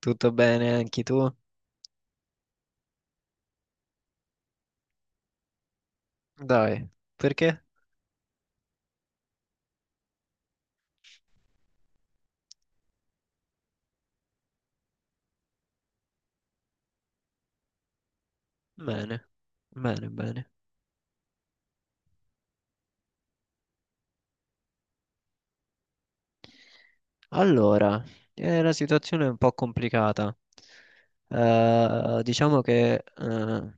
Tutto bene anche tu? Dai, perché? Bene, bene, bene. Allora, la situazione è un po' complicata. Diciamo che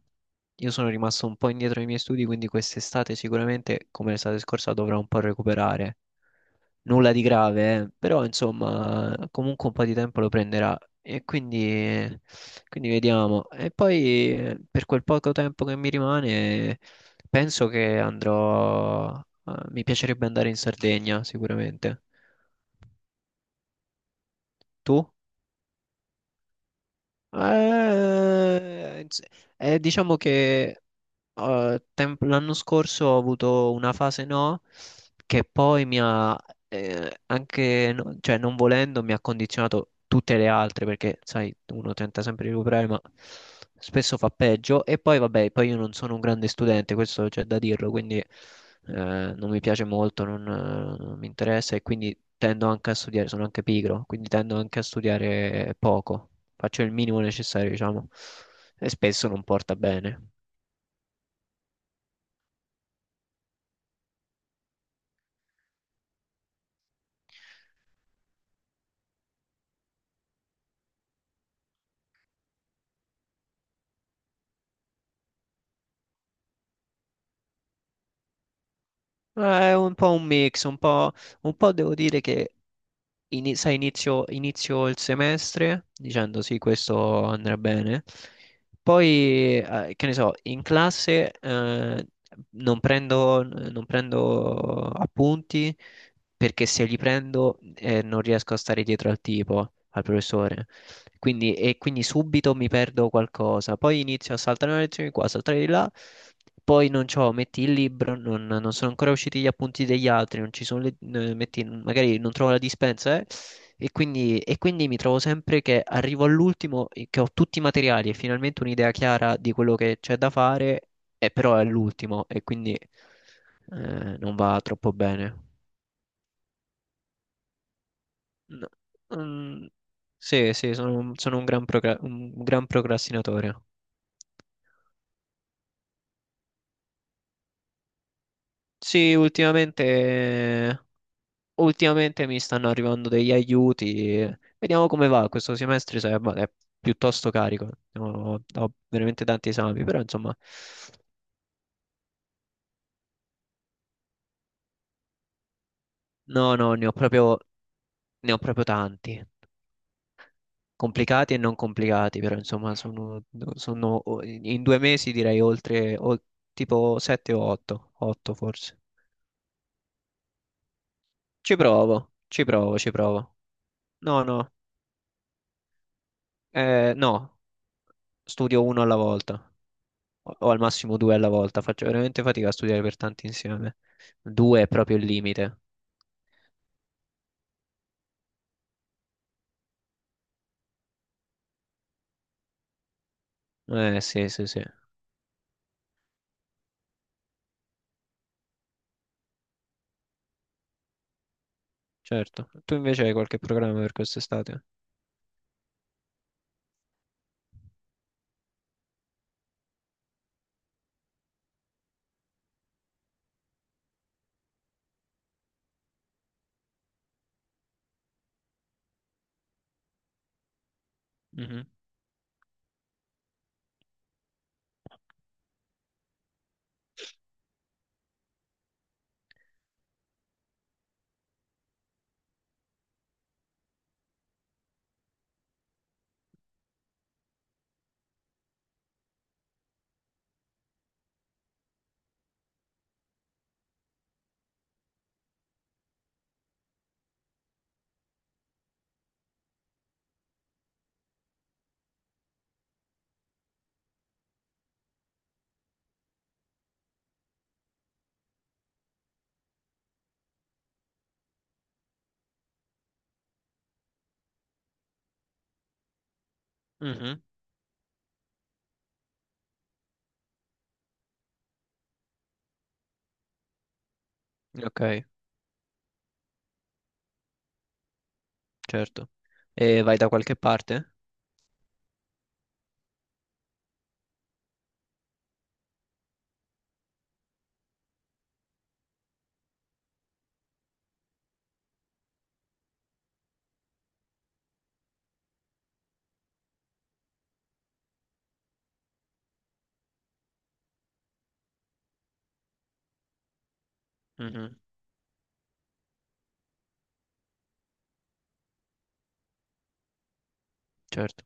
io sono rimasto un po' indietro nei miei studi, quindi quest'estate sicuramente, come l'estate scorsa, dovrò un po' recuperare. Nulla di grave, però insomma, comunque un po' di tempo lo prenderà e quindi, vediamo. E poi per quel poco tempo che mi rimane, penso che andrò, mi piacerebbe andare in Sardegna sicuramente. Tu? Eh, ins- diciamo che l'anno scorso ho avuto una fase, no, che poi mi ha anche, cioè non volendo, mi ha condizionato tutte le altre perché, sai, uno tenta sempre di recuperare, ma spesso fa peggio. E poi, vabbè, poi io non sono un grande studente, questo c'è da dirlo, quindi non mi piace molto, non mi interessa e quindi tendo anche a studiare, sono anche pigro, quindi tendo anche a studiare poco, faccio il minimo necessario, diciamo, e spesso non porta bene. Ma è un po' un mix, un po' devo dire che sai, inizio il semestre dicendo sì, questo andrà bene. Poi, che ne so, in classe non prendo appunti perché se li prendo non riesco a stare dietro al tipo, al professore. Quindi subito mi perdo qualcosa. Poi inizio a saltare una lezione di qua, a saltare di là. Poi non c'ho, metti il libro, non sono ancora usciti gli appunti degli altri, non ci sono metti, magari non trovo la dispensa. E quindi mi trovo sempre che arrivo all'ultimo, che ho tutti i materiali e finalmente un'idea chiara di quello che c'è da fare, e però è l'ultimo e quindi non va troppo bene. No. Mm, sì, sì, sono un gran procrastinatore. Sì, ultimamente mi stanno arrivando degli aiuti. Vediamo come va questo semestre, ma è piuttosto carico. Ho veramente tanti esami, però insomma, no, no, ne ho proprio tanti. Complicati e non complicati, però insomma, in due mesi direi tipo 7 o 8, 8 forse. Ci provo, ci provo, ci provo. No, no, no, studio uno alla volta o al massimo due alla volta. Faccio veramente fatica a studiare per tanti insieme. Due è proprio il limite. Sì, sì, sì, certo. Tu invece hai qualche programma per quest'estate? Mhm, mhm, ok, certo. E vai da qualche parte? Mhm, certo.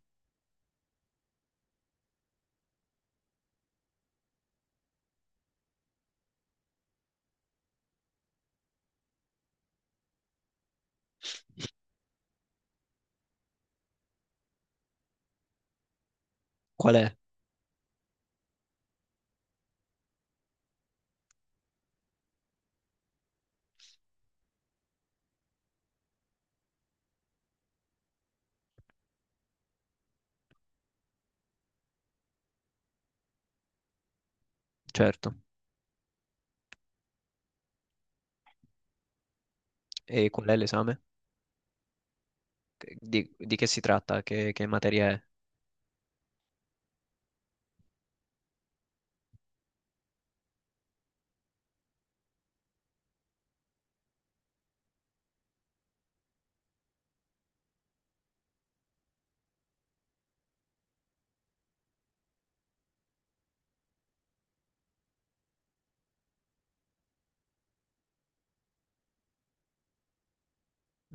Qual è? Certo. E qual è l'esame? Di che si tratta? Che materia è?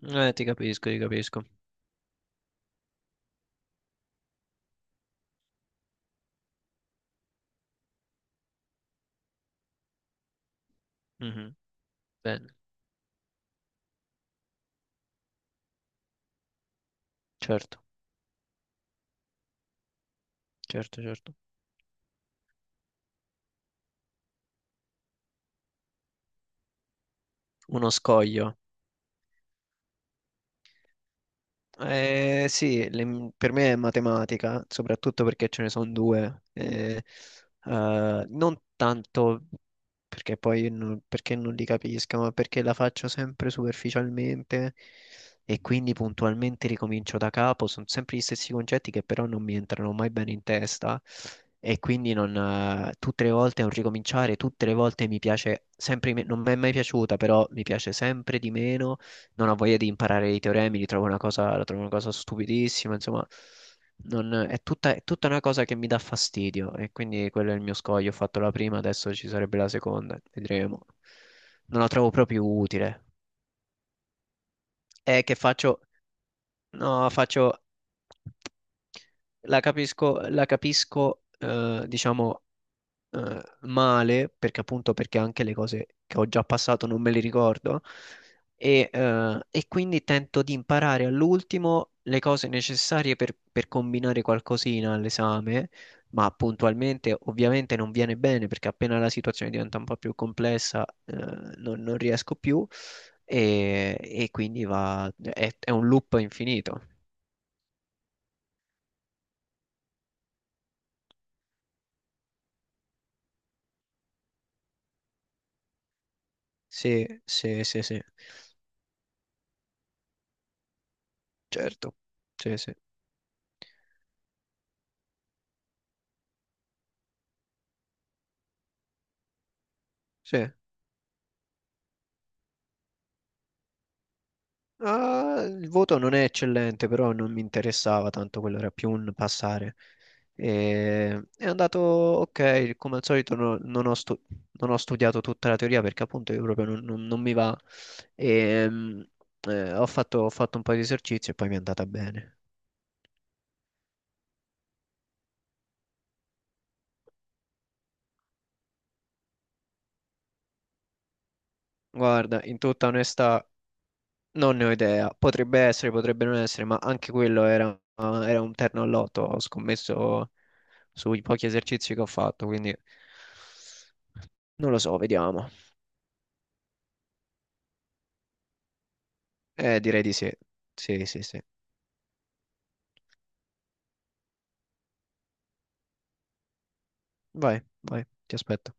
Ti capisco, ti capisco. Mhm. Bene. Certo, certo, certo. Uno scoglio. Sì, per me è matematica, soprattutto perché ce ne sono due. Non tanto perché poi non, perché non li capisco, ma perché la faccio sempre superficialmente e quindi puntualmente ricomincio da capo. Sono sempre gli stessi concetti che però non mi entrano mai bene in testa e quindi non, tutte le volte è un ricominciare, tutte le volte mi piace sempre, non mi è mai piaciuta, però mi piace sempre di meno, non ha voglia di imparare i teoremi, li trovo una cosa, la trovo una cosa stupidissima, insomma, è tutta una cosa che mi dà fastidio e quindi quello è il mio scoglio, ho fatto la prima, adesso ci sarebbe la seconda, vedremo. Non la trovo proprio utile. E che faccio? No, la capisco, diciamo, male, perché appunto perché anche le cose che ho già passato non me le ricordo, e quindi tento di imparare all'ultimo le cose necessarie per, combinare qualcosina all'esame, ma puntualmente ovviamente non viene bene perché appena la situazione diventa un po' più complessa, non riesco più e quindi è un loop infinito. Sì, sì, sì, sì, certo, sì, sì, sì. Ah, il voto non è eccellente, però non mi interessava tanto, quello era più un passare. È andato ok, come al solito, non ho studiato tutta la teoria perché appunto io proprio non, non mi va. E, ho fatto un po' di esercizi e poi mi è andata bene. Guarda, in tutta onestà, non ne ho idea, potrebbe essere, potrebbe non essere, ma anche quello era un terno al lotto, ho scommesso sui pochi esercizi che ho fatto, quindi non lo so, vediamo. Direi di sì. Sì, sì, sì. Vai, vai, ti aspetto.